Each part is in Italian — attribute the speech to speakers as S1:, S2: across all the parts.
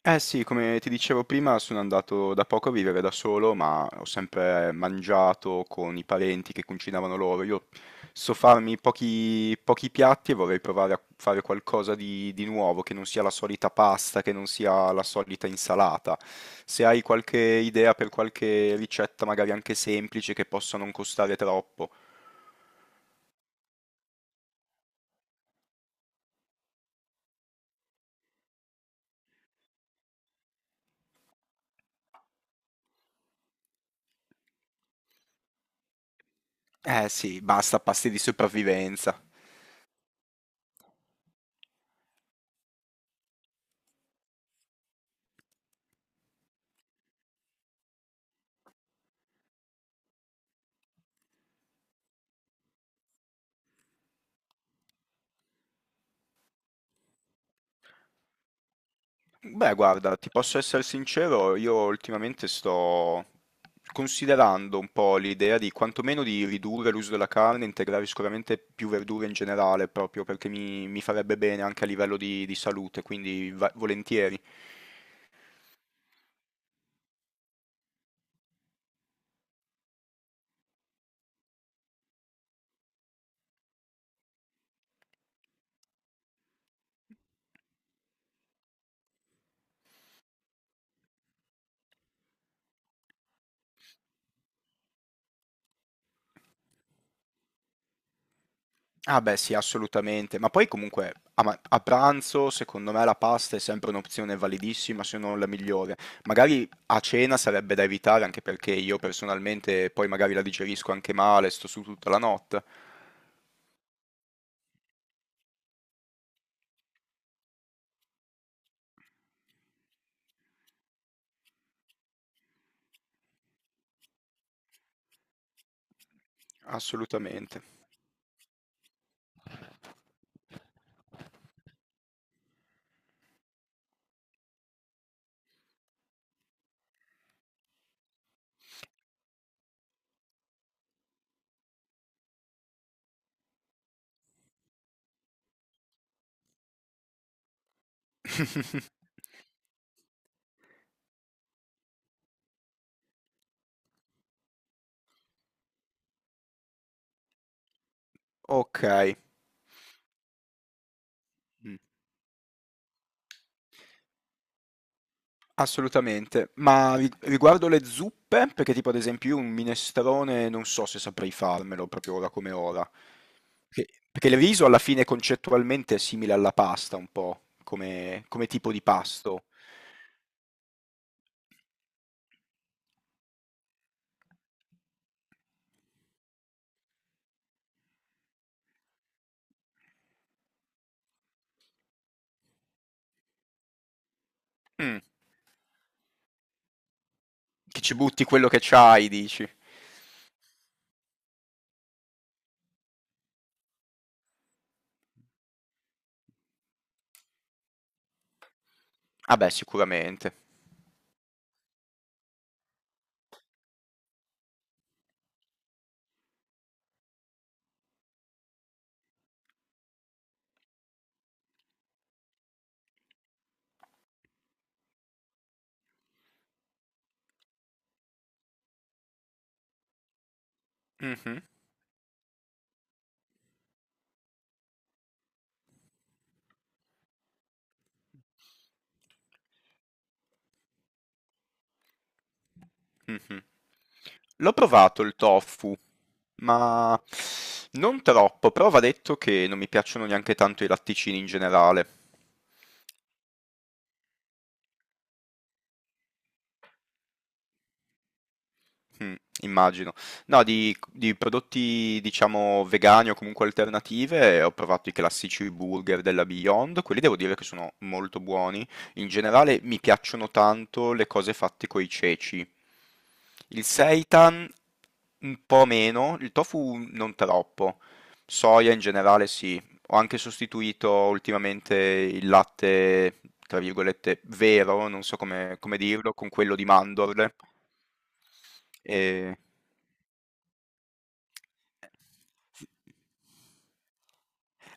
S1: Eh sì, come ti dicevo prima, sono andato da poco a vivere da solo, ma ho sempre mangiato con i parenti che cucinavano loro. Io so farmi pochi piatti e vorrei provare a fare qualcosa di nuovo, che non sia la solita pasta, che non sia la solita insalata. Se hai qualche idea per qualche ricetta, magari anche semplice, che possa non costare troppo. Eh sì, basta pasti di sopravvivenza. Beh, guarda, ti posso essere sincero, io ultimamente sto considerando un po' l'idea di quantomeno di ridurre l'uso della carne, integrare sicuramente più verdure in generale, proprio perché mi farebbe bene anche a livello di salute, quindi volentieri. Ah beh, sì, assolutamente. Ma poi comunque a pranzo, secondo me la pasta è sempre un'opzione validissima, se non la migliore. Magari a cena sarebbe da evitare, anche perché io personalmente poi magari la digerisco anche male, sto su tutta la notte. Assolutamente. Okay, mh, assolutamente. Ma ri riguardo le zuppe, perché tipo ad esempio io un minestrone non so se saprei farmelo proprio ora come ora. Perché il riso alla fine concettualmente è simile alla pasta un po', come tipo di pasto. Mm, che ci butti quello che c'hai, dici. Ah beh, sicuramente. Mhm. Mh-mh. L'ho provato il tofu, ma non troppo, però va detto che non mi piacciono neanche tanto i latticini in generale. Mh, immagino. No, di prodotti, diciamo, vegani o comunque alternative, ho provato i classici burger della Beyond, quelli devo dire che sono molto buoni. In generale mi piacciono tanto le cose fatte coi ceci. Il seitan un po' meno, il tofu non troppo. Soia in generale sì. Ho anche sostituito ultimamente il latte, tra virgolette, "vero", non so come dirlo, con quello di mandorle. E sì.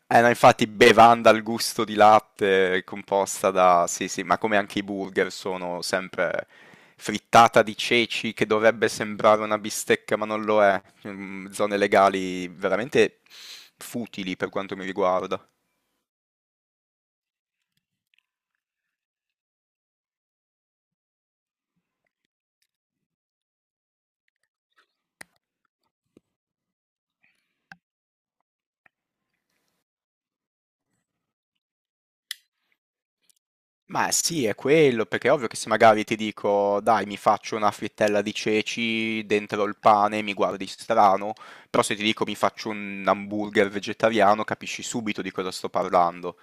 S1: Eh no, infatti bevanda al gusto di latte composta da sì, sì, ma come anche i burger sono sempre frittata di ceci che dovrebbe sembrare una bistecca, ma non lo è. Mhmm, zone legali veramente futili per quanto mi riguarda. Ma sì, è quello, perché è ovvio che se magari ti dico: "Dai, mi faccio una frittella di ceci dentro il pane", mi guardi strano, però se ti dico: "Mi faccio un hamburger vegetariano", capisci subito di cosa sto parlando.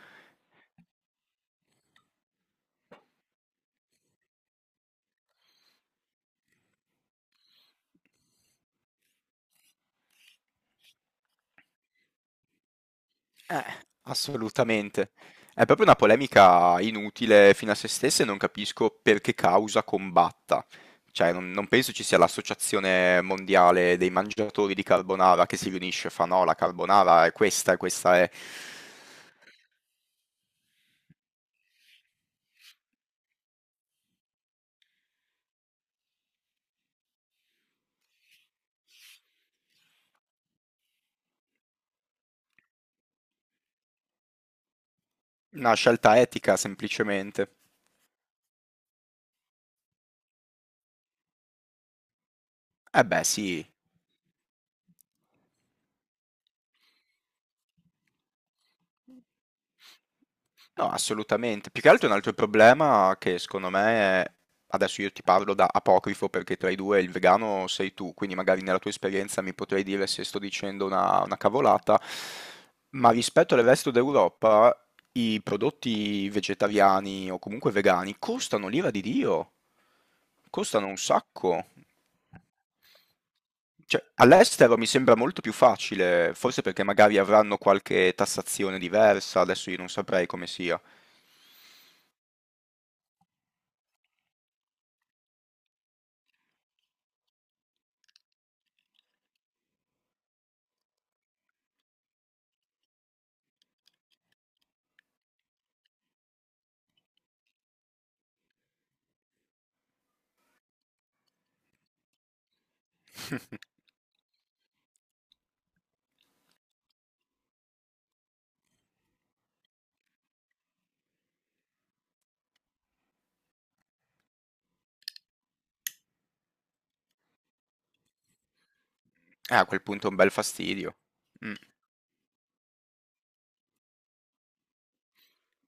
S1: Eh. Assolutamente. È proprio una polemica inutile fino a se stessa e non capisco per che causa combatta. Cioè, non penso ci sia l'Associazione Mondiale dei Mangiatori di Carbonara che si riunisce e fa: "No, la carbonara è questa e questa è". Una scelta etica semplicemente. Eh beh, sì. No, assolutamente. Più che altro un altro problema che secondo me è... Adesso io ti parlo da apocrifo perché tra i due il vegano sei tu, quindi magari nella tua esperienza mi potrei dire se sto dicendo una cavolata, ma rispetto al resto d'Europa i prodotti vegetariani o comunque vegani costano l'ira di Dio, costano un sacco. Cioè, all'estero mi sembra molto più facile, forse perché magari avranno qualche tassazione diversa, adesso io non saprei come sia. A quel punto è un bel fastidio. Mm.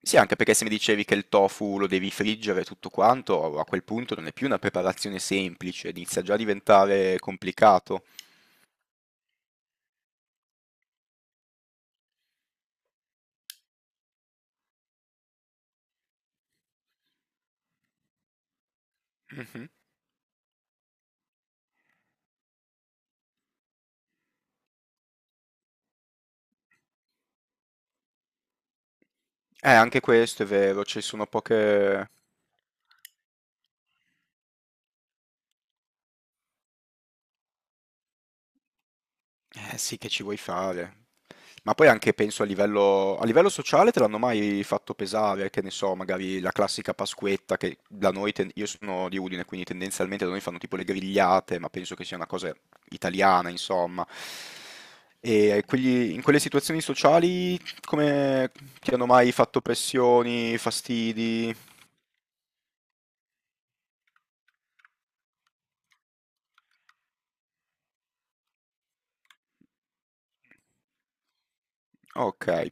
S1: Sì, anche perché se mi dicevi che il tofu lo devi friggere e tutto quanto, a quel punto non è più una preparazione semplice, inizia già a diventare complicato. Mhm. Anche questo è vero, ci sono poche... Eh sì, che ci vuoi fare? Ma poi anche penso a livello sociale te l'hanno mai fatto pesare, che ne so, magari la classica Pasquetta che da noi, io sono di Udine, quindi tendenzialmente da noi fanno tipo le grigliate, ma penso che sia una cosa italiana, insomma. E in quelle situazioni sociali come ti hanno mai fatto pressioni, fastidi? Ok,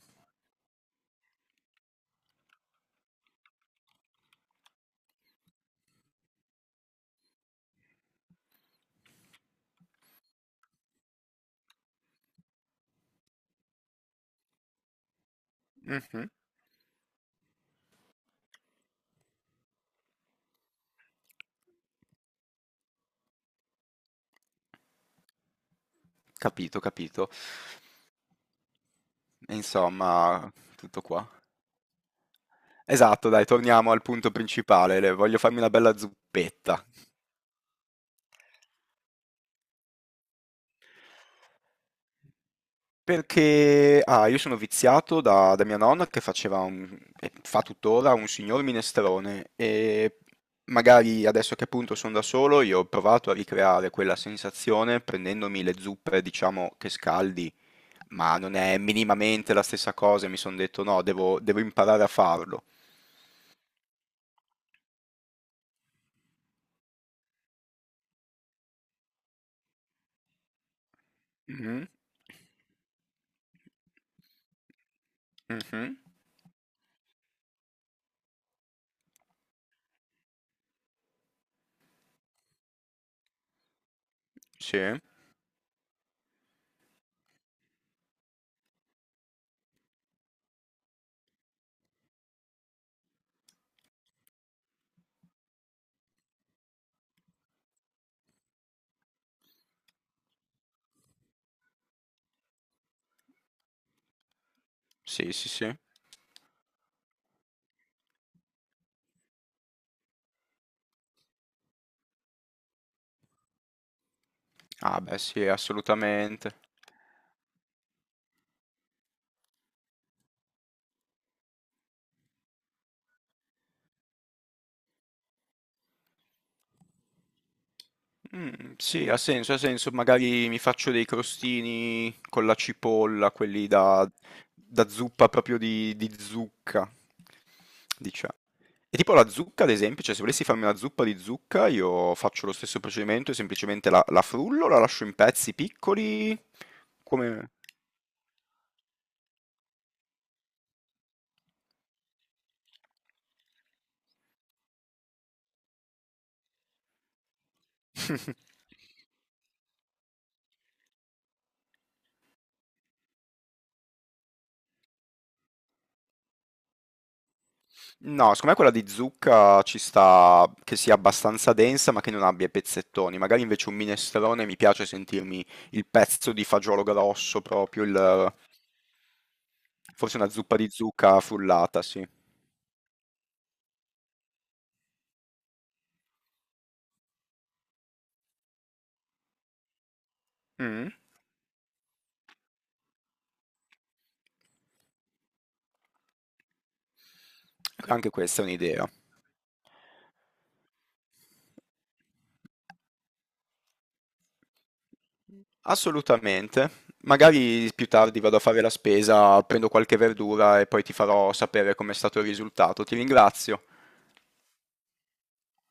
S1: mhm. Capito, capito. E insomma, tutto qua. Esatto, dai, torniamo al punto principale, voglio farmi una bella zuppetta. Perché, ah, io sono viziato da mia nonna che faceva e fa tuttora un signor minestrone e magari adesso che appunto sono da solo io ho provato a ricreare quella sensazione prendendomi le zuppe, diciamo, che scaldi, ma non è minimamente la stessa cosa e mi sono detto no, devo imparare a farlo. Mhm, mhm, sì, sì, sì, sì. Ah, beh, sì, assolutamente. Mm, sì, ha senso, ha senso. Magari mi faccio dei crostini con la cipolla, quelli da zuppa proprio di zucca, diciamo. E tipo la zucca, ad esempio, cioè se volessi farmi una zuppa di zucca, io faccio lo stesso procedimento e semplicemente la frullo, la lascio in pezzi piccoli, come... No, secondo me quella di zucca ci sta che sia abbastanza densa ma che non abbia i pezzettoni. Magari invece un minestrone mi piace sentirmi il pezzo di fagiolo grosso proprio, forse una zuppa di zucca frullata, sì. Mm. Anche questa è un'idea. Assolutamente. Magari più tardi vado a fare la spesa, prendo qualche verdura e poi ti farò sapere com'è stato il risultato. Ti ringrazio.